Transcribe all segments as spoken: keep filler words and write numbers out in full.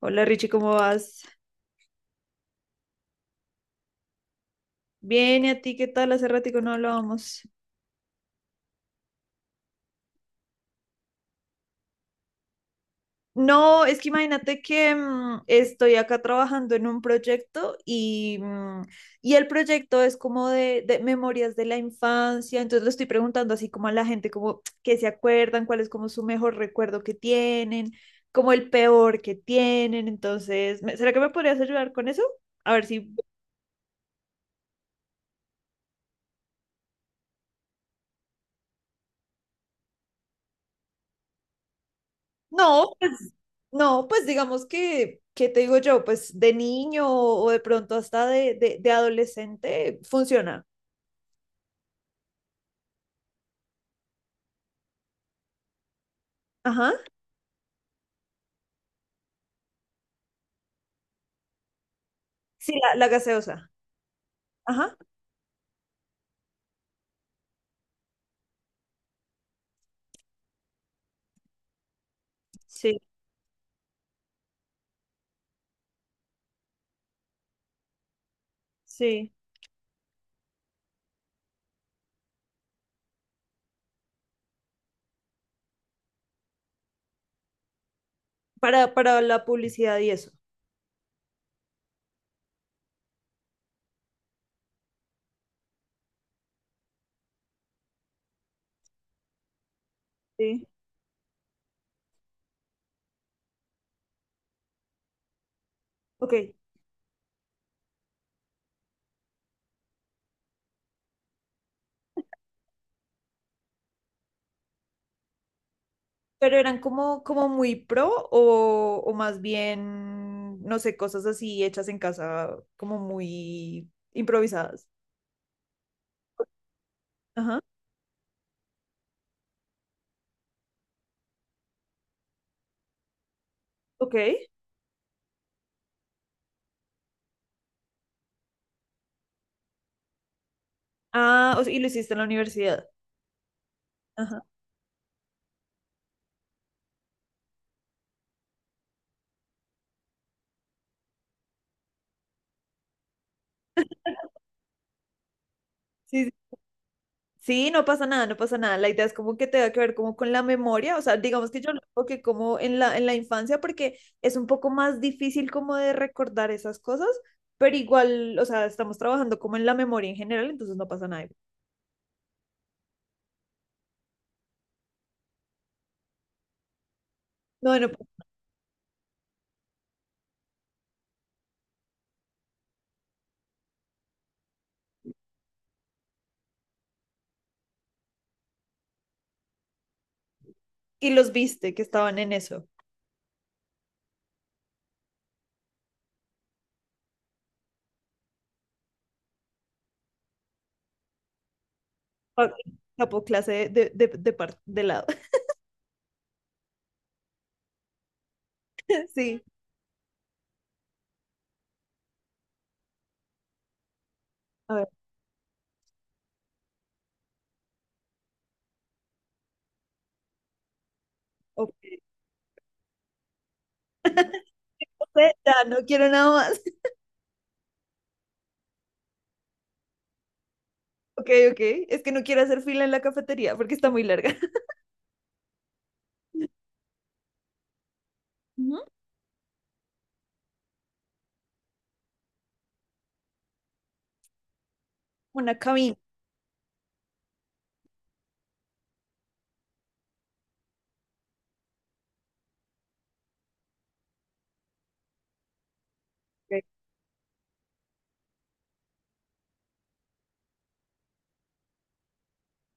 Hola Richie, ¿cómo vas? Bien, ¿y a ti qué tal? Hace ratico no hablábamos. No, es que imagínate que mm, estoy acá trabajando en un proyecto y, mm, y el proyecto es como de, de memorias de la infancia, entonces le estoy preguntando así como a la gente como que se acuerdan, cuál es como su mejor recuerdo que tienen, como el peor que tienen, entonces, ¿me- ¿será que me podrías ayudar con eso? A ver si... No, No, pues digamos que, ¿qué te digo yo? Pues de niño o de pronto hasta de, de, de adolescente funciona. Ajá. Sí, la, la gaseosa. Ajá. Sí, sí. Para, para la publicidad y eso. Sí. Ok. Pero eran como, como muy pro o, o más bien, no sé, cosas así hechas en casa, como muy improvisadas. Ajá. Ok. Ah, o sea, y lo hiciste en la universidad. Ajá. sí Sí. No pasa nada, no pasa nada. La idea es como que tenga que ver como con la memoria, o sea, digamos que yo lo enfoqué como en la, en la infancia porque es un poco más difícil como de recordar esas cosas, pero igual, o sea, estamos trabajando como en la memoria en general, entonces no pasa nada. No, bueno, y los viste que estaban en eso. Ok, Capo clase de, de, de, par- de lado. Sí, a ver, ok. No sé, ya no quiero nada más. Ok, ok, es que no quiero hacer fila en la cafetería porque está muy larga. Ujú. Una cabina. Ok.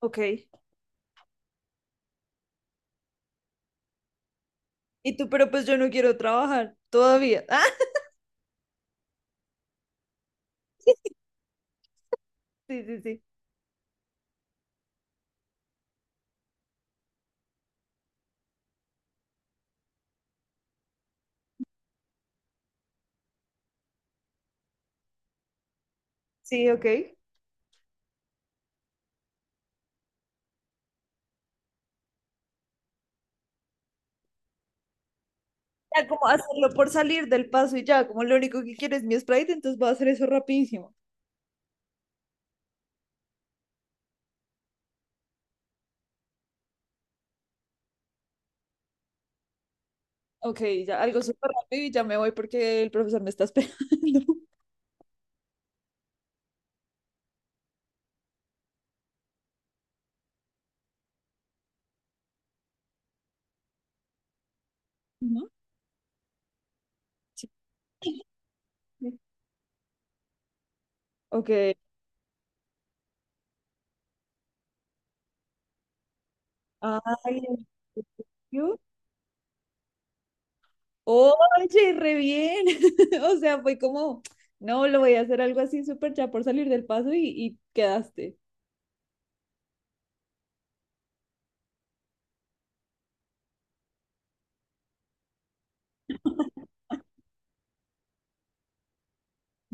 Ok. Y tú, pero pues yo no quiero trabajar todavía. Ah, sí, sí, sí. Sí, ok. Ya como hacerlo por salir del paso y ya, como lo único que quiero es mi Sprite, entonces voy a hacer eso rapidísimo. Ok, ya algo súper rápido y ya me voy porque el profesor me está esperando. ¿No? Sí. Ok. Ay, yo- Oye, re bien. O sea, fue como, no, lo voy a hacer algo así súper ya por salir del paso y, y quedaste.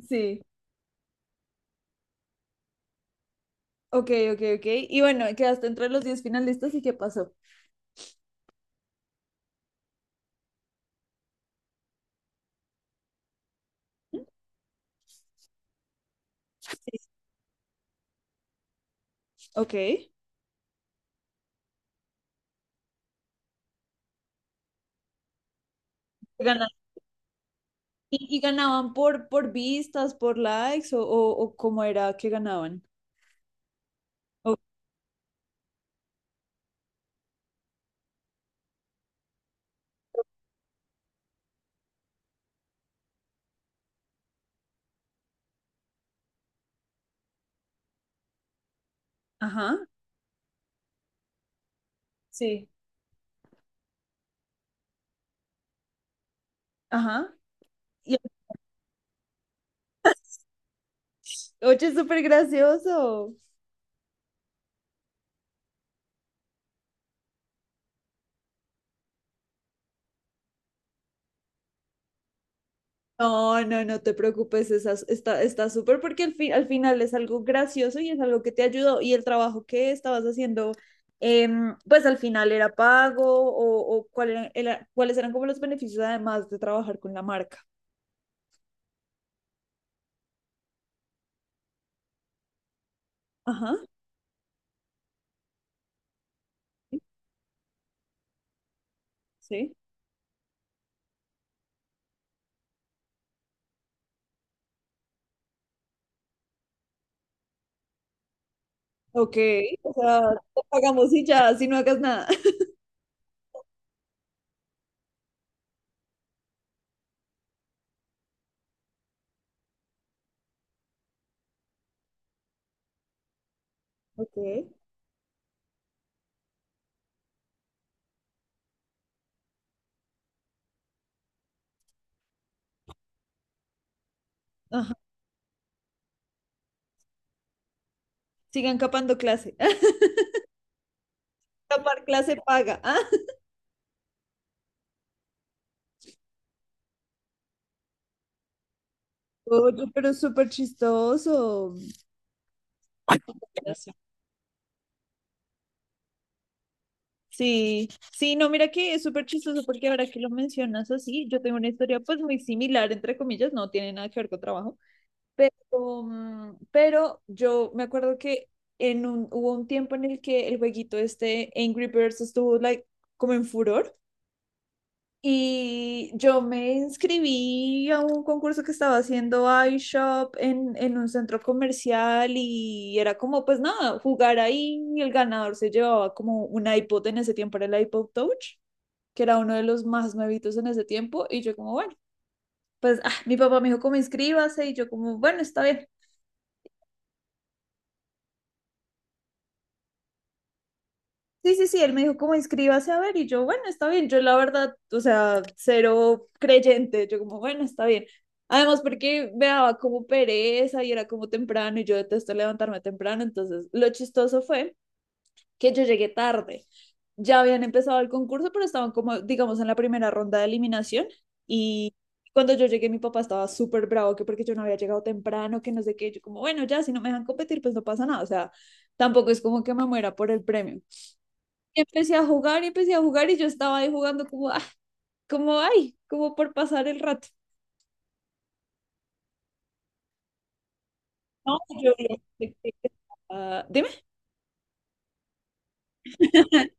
Sí. Ok, ok, ok. Y bueno, quedaste entre los diez finalistas y ¿qué pasó? Sí. Ok. Ganaron. ¿Y, y ganaban por, por vistas, por likes o, o, o cómo era que ganaban? O- Ajá, Sí. Ajá. Y- oye, es súper gracioso. No, no, no te preocupes, esa- está, está súper porque al fin, al final es algo gracioso y es algo que te ayudó y el trabajo que estabas haciendo, em, pues al final era pago o, o cuál era- era- cuáles eran como los beneficios además de trabajar con la marca. Ajá, sí. Sí. Ok, o sea, te pagamos y ya, si no hagas nada. Ok. Ajá. Sigan capando clase. Capar clase paga. Ah. Oye, pero es súper chistoso. Gracias. Sí, sí, no, mira que es súper chistoso porque ahora que lo mencionas así, yo tengo una historia pues muy similar, entre comillas, no tiene nada que ver con trabajo, pero, mm, pero yo me acuerdo que en un, hubo un tiempo en el que el jueguito este Angry Birds estuvo like, como en furor. Y yo me inscribí a un concurso que estaba haciendo iShop en, en un centro comercial y era como, pues nada, jugar ahí y el ganador se llevaba como un iPod en ese tiempo, era el iPod Touch, que era uno de los más nuevitos en ese tiempo y yo como, bueno, pues ah, mi papá me dijo como inscríbase y yo como, bueno, está bien. Sí, sí, sí, él me dijo como inscríbase a ver y yo, bueno, está bien, yo la verdad, o sea, cero creyente, yo como, bueno, está bien. Además porque me daba como pereza y era como temprano y yo detesto levantarme temprano, entonces lo chistoso fue que yo llegué tarde. Ya habían empezado el concurso, pero estaban como, digamos, en la primera ronda de eliminación y cuando yo llegué mi papá estaba súper bravo que porque yo no había llegado temprano, que no sé qué, yo como, bueno, ya, si no me dejan competir, pues no pasa nada, o sea, tampoco es como que me muera por el premio. Y empecé a jugar y empecé a jugar y yo estaba ahí jugando como, ah, como, ay, como por pasar el rato. No, yo no sé qué estaba- dime.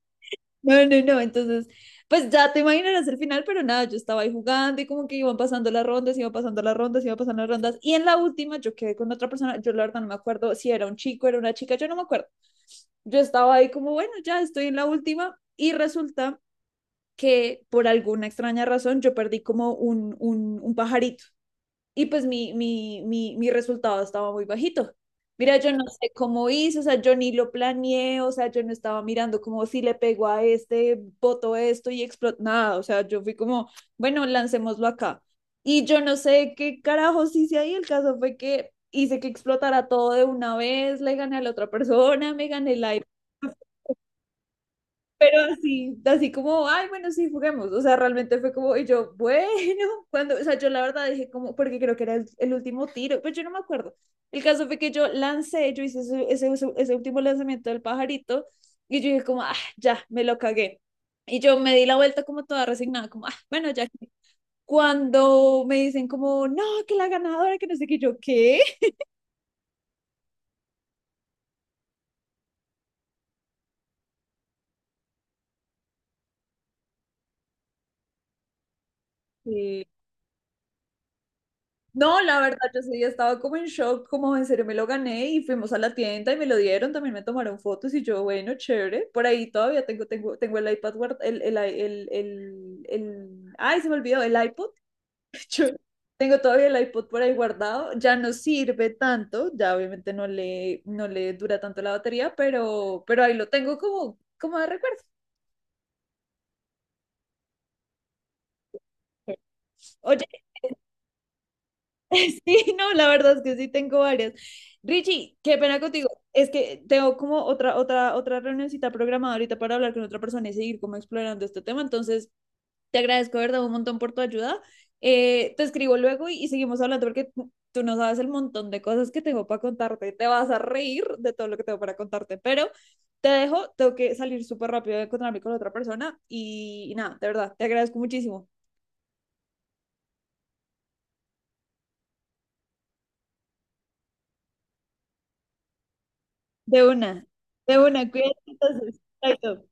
No, no, no, entonces, pues ya te imaginarás el final, pero nada, yo estaba ahí jugando y como que iban pasando las rondas, iban pasando las rondas, iban pasando las rondas. Y en la última yo quedé con otra persona, yo la verdad no me acuerdo si era un chico, era una chica, yo no me acuerdo. Yo estaba ahí como, bueno, ya estoy en la última y resulta que por alguna extraña razón yo perdí como un, un, un pajarito. Y pues mi, mi, mi, mi resultado estaba muy bajito. Mira, yo no sé cómo hice, o sea, yo ni lo planeé, o sea, yo no estaba mirando como si le pego a este, boto esto y explotó, nada, o sea, yo fui como, bueno, lancémoslo acá. Y yo no sé qué carajos hice ahí, el caso fue que hice que explotara todo de una vez, le gané a la otra persona, me gané el aire pero así, así como, ay, bueno, sí, juguemos. O sea, realmente fue como, y yo, bueno, cuando, o sea, yo la verdad dije como, porque creo que era el, el último tiro, pero yo no me acuerdo. El caso fue que yo lancé, yo hice ese, ese, ese último lanzamiento del pajarito, y yo dije como, ah, ya, me lo cagué. Y yo me di la vuelta como toda resignada, como, ah, bueno, ya. Cuando me dicen como, no, que la ganadora, que no sé qué, yo, ¿qué? Sí, No, la verdad, yo sí estaba como en shock, como en serio me lo gané y fuimos a la tienda y me lo dieron, también me tomaron fotos y yo, bueno, chévere, por ahí todavía tengo, tengo, tengo el iPad, guard- el, el, el, el, el- ay, se me olvidó, el iPod, Yo tengo todavía el iPod por ahí guardado, ya no sirve tanto, ya obviamente no le, no le dura tanto la batería, pero, pero ahí lo tengo como, como de recuerdo. Oye, Sí, no, la verdad es que sí tengo varias. Richie, qué pena contigo. Es que tengo como otra, otra, otra reunioncita programada ahorita para hablar con otra persona y seguir como explorando este tema. Entonces, te agradezco, de ¿verdad? Un montón por tu ayuda. Eh, te escribo luego y, y seguimos hablando porque tú tú no sabes el montón de cosas que tengo para contarte. Te vas a reír de todo lo que tengo para contarte, pero te dejo, tengo que salir súper rápido a encontrarme con otra persona y, y nada, de verdad, te agradezco muchísimo. De una, de una, cuídate entonces. Chaito.